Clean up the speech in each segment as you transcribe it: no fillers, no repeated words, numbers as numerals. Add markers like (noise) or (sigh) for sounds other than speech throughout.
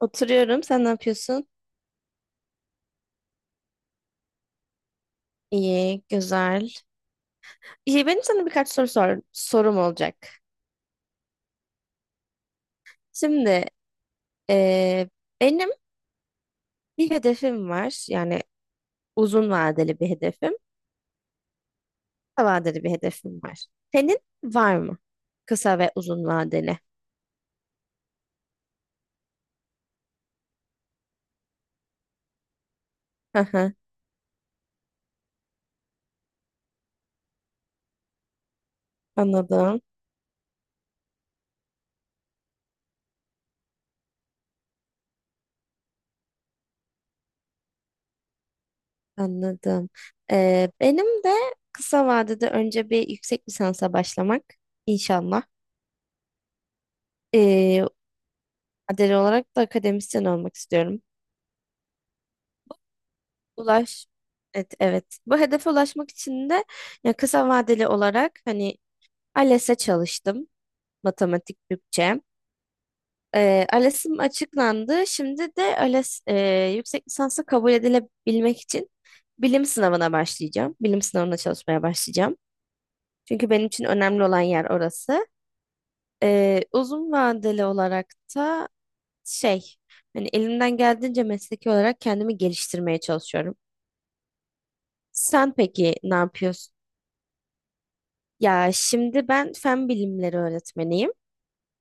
Oturuyorum. Sen ne yapıyorsun? İyi, güzel. İyi, benim sana birkaç sorum olacak. Şimdi eee, benim bir hedefim var. Yani uzun vadeli bir hedefim, kısa vadeli bir hedefim var. Senin var mı? Kısa ve uzun vadeli. Hı hı, Anladım, anladım. Benim de kısa vadede önce bir yüksek lisansa başlamak inşallah. Eee vadeli olarak da akademisyen olmak istiyorum. Ulaş. Evet, evet. Bu hedefe ulaşmak için de ya kısa vadeli olarak hani ALES'e çalıştım. Matematik Türkçe. ALES'im açıklandı. Şimdi de ALES yüksek lisansa kabul edilebilmek için bilim sınavına başlayacağım. Bilim sınavına çalışmaya başlayacağım. Çünkü benim için önemli olan yer orası. Uzun vadeli olarak da şey hani elimden geldiğince mesleki olarak kendimi geliştirmeye çalışıyorum. Sen peki ne yapıyorsun? Ya şimdi ben fen bilimleri öğretmeniyim.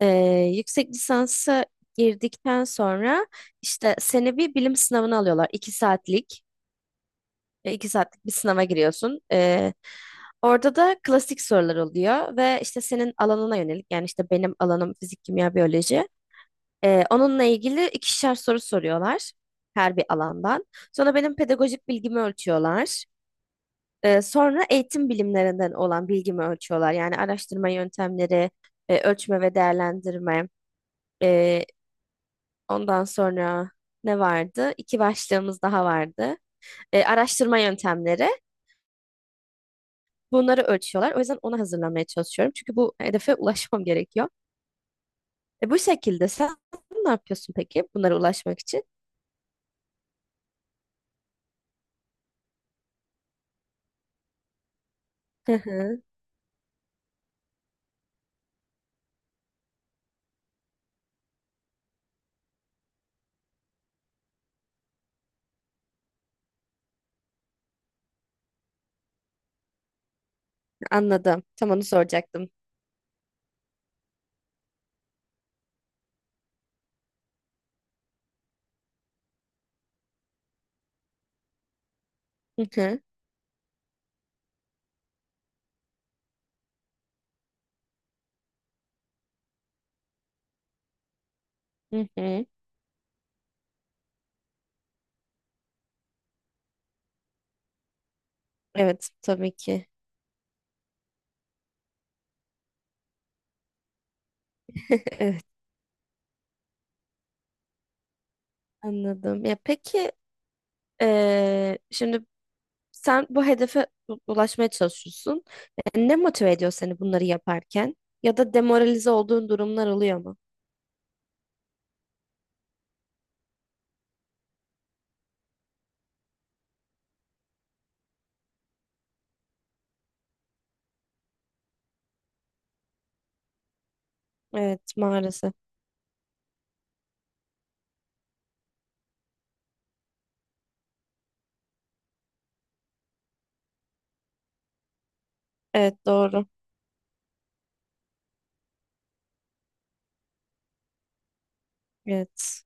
Ee, yüksek lisansa girdikten sonra işte seni bir bilim sınavına alıyorlar. İki saatlik bir sınava giriyorsun. Orada da klasik sorular oluyor ve işte senin alanına yönelik yani işte benim alanım fizik, kimya, biyoloji. Onunla ilgili ikişer soru soruyorlar her bir alandan. Sonra benim pedagojik bilgimi ölçüyorlar. Sonra eğitim bilimlerinden olan bilgimi ölçüyorlar. Yani araştırma yöntemleri, ölçme ve değerlendirme. E, ondan sonra ne vardı? İki başlığımız daha vardı. Araştırma yöntemleri. Bunları ölçüyorlar. O yüzden onu hazırlamaya çalışıyorum. Çünkü bu hedefe (laughs) ulaşmam gerekiyor. Bu şekilde sen ne yapıyorsun peki bunlara ulaşmak için? (laughs) Hı hı, anladım. Tam onu soracaktım. Hı hı, hı hı. Evet, tabii ki. (laughs) Evet, anladım. Ya peki şimdi Sen ulaşmaya çalışıyorsun. Ne motive ediyor seni bunları yaparken? Ya da demoralize olduğun durumlar oluyor mu? Evet, maalesef. Evet, doğru. Evet.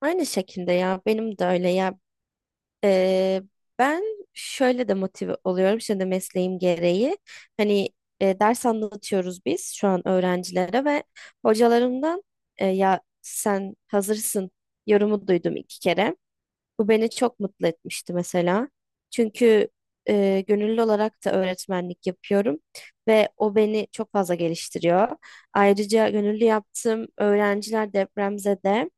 Aynı şekilde ya benim de öyle ya. E, ben şöyle de motive oluyorum şimdi mesleğim gereği. Hani ders anlatıyoruz biz şu an öğrencilere ve hocalarımdan ya sen hazırsın yorumu duydum iki kere. Bu beni çok mutlu etmişti mesela. Çünkü gönüllü olarak da öğretmenlik yapıyorum ve o beni çok fazla geliştiriyor. Ayrıca gönüllü yaptığım öğrenciler depremzede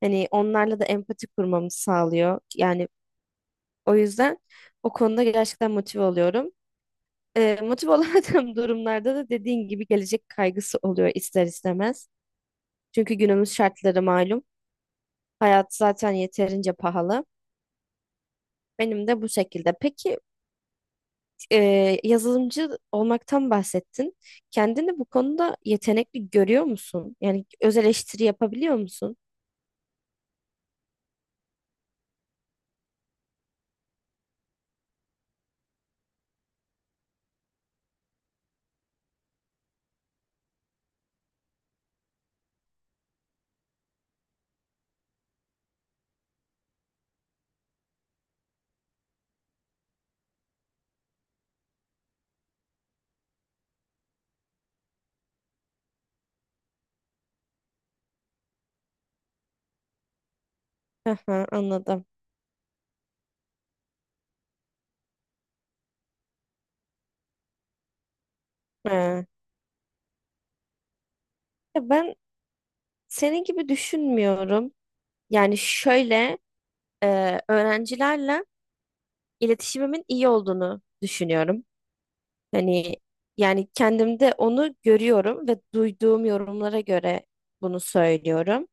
hani onlarla da empati kurmamı sağlıyor. Yani o yüzden o konuda gerçekten motive oluyorum. Motive olamadığım (laughs) durumlarda da dediğin gibi gelecek kaygısı oluyor ister istemez. Çünkü günümüz şartları malum. Hayat zaten yeterince pahalı. Benim de bu şekilde. Peki yazılımcı olmaktan bahsettin. Kendini bu konuda yetenekli görüyor musun? Yani öz eleştiri yapabiliyor musun? Aha, anladım. He. Ya ben senin gibi düşünmüyorum. Yani şöyle öğrencilerle iletişimimin iyi olduğunu düşünüyorum. Hani yani kendimde onu görüyorum ve duyduğum yorumlara göre bunu söylüyorum.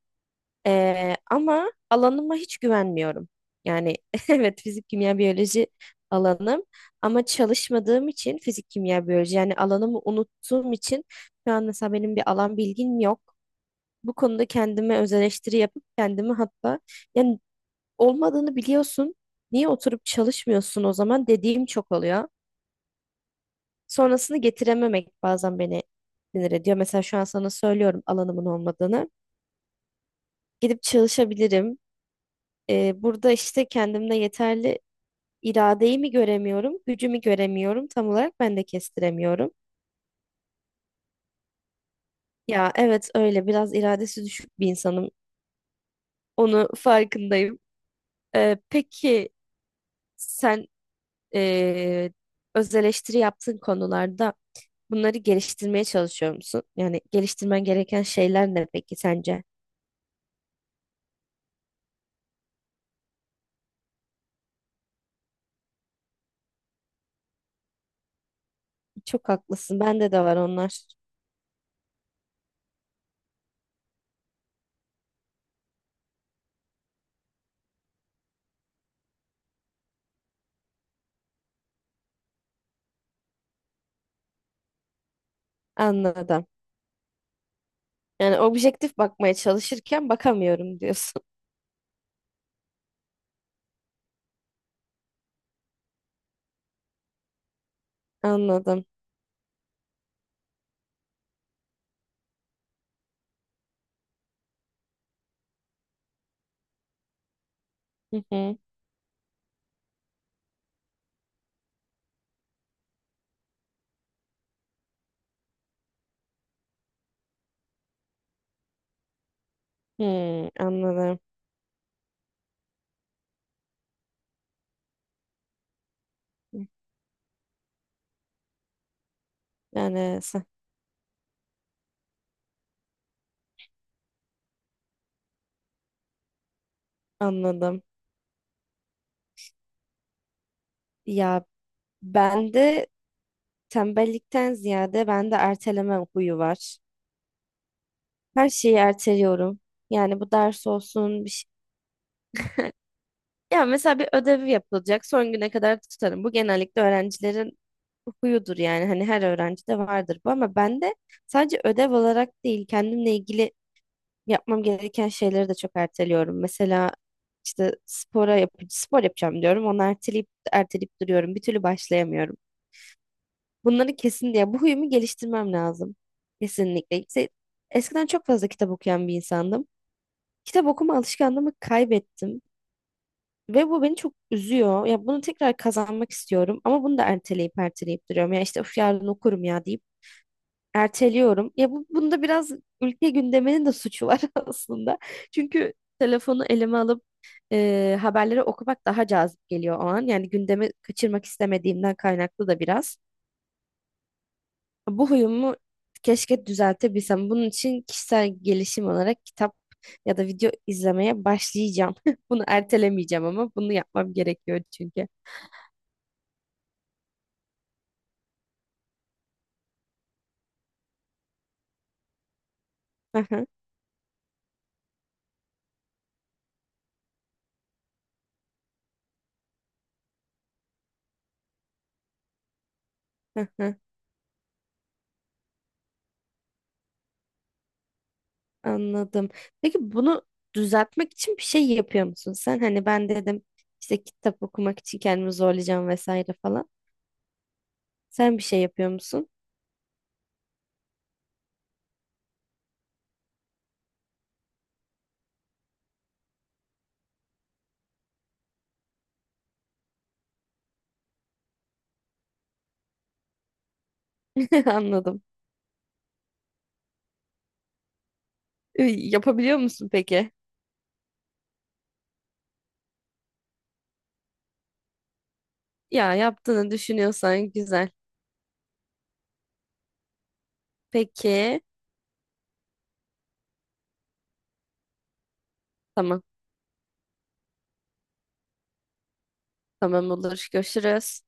Ama alanıma hiç güvenmiyorum. Yani (laughs) evet fizik, kimya, biyoloji alanım ama çalışmadığım için fizik, kimya, biyoloji yani alanımı unuttuğum için şu an mesela benim bir alan bilgim yok. Bu konuda kendime öz eleştiri yapıp kendimi hatta yani olmadığını biliyorsun. Niye oturup çalışmıyorsun o zaman dediğim çok oluyor. Sonrasını getirememek bazen beni sinir ediyor. Mesela şu an sana söylüyorum alanımın olmadığını. Gidip çalışabilirim. Burada işte kendimde yeterli iradeyi mi göremiyorum, gücümü göremiyorum. Tam olarak ben de kestiremiyorum. Ya evet öyle biraz iradesi düşük bir insanım. Onu farkındayım. Peki sen ee, öz eleştiri yaptığın konularda bunları geliştirmeye çalışıyor musun? Yani geliştirmen gereken şeyler ne peki sence? Çok haklısın. Bende de var onlar. Anladım. Yani objektif bakmaya çalışırken bakamıyorum diyorsun. (laughs) Anladım. Hı hı. Hmm, anladım. Yani sen- anladım. Ya ben de tembellikten ziyade bende erteleme huyu var. Her şeyi erteliyorum. Yani bu ders olsun bir şey. Ya mesela bir ödevi yapılacak son güne kadar tutarım. Bu genellikle öğrencilerin huyudur yani. Hani her öğrencide vardır bu ama bende sadece ödev olarak değil kendimle ilgili yapmam gereken şeyleri de çok erteliyorum. Mesela işte spor yapacağım diyorum. Onu erteleyip erteleyip duruyorum. Bir türlü başlayamıyorum. Bunları kesin diye bu huyumu geliştirmem lazım. Kesinlikle. İşte eskiden çok fazla kitap okuyan bir insandım. Kitap okuma alışkanlığımı kaybettim ve bu beni çok üzüyor. Ya bunu tekrar kazanmak istiyorum ama bunu da erteleyip erteleyip duruyorum. Ya işte of yarın okurum ya deyip erteliyorum. Ya bunda biraz ülke gündeminin de suçu var (laughs) aslında. Çünkü telefonu elime alıp haberleri okumak daha cazip geliyor o an. Yani gündemi kaçırmak istemediğimden kaynaklı da biraz. Bu huyumu keşke düzeltebilsem. Bunun için kişisel gelişim olarak kitap ya da video izlemeye başlayacağım. (laughs) Bunu ertelemeyeceğim ama bunu yapmam gerekiyor çünkü. (laughs) Anladım. Peki bunu düzeltmek için bir şey yapıyor musun sen? Hani ben dedim işte kitap okumak için kendimi zorlayacağım vesaire falan. Sen bir şey yapıyor musun? (laughs) Anladım. Yapabiliyor musun peki? Ya yaptığını düşünüyorsan güzel. Peki. Tamam. Tamam olur. Görüşürüz.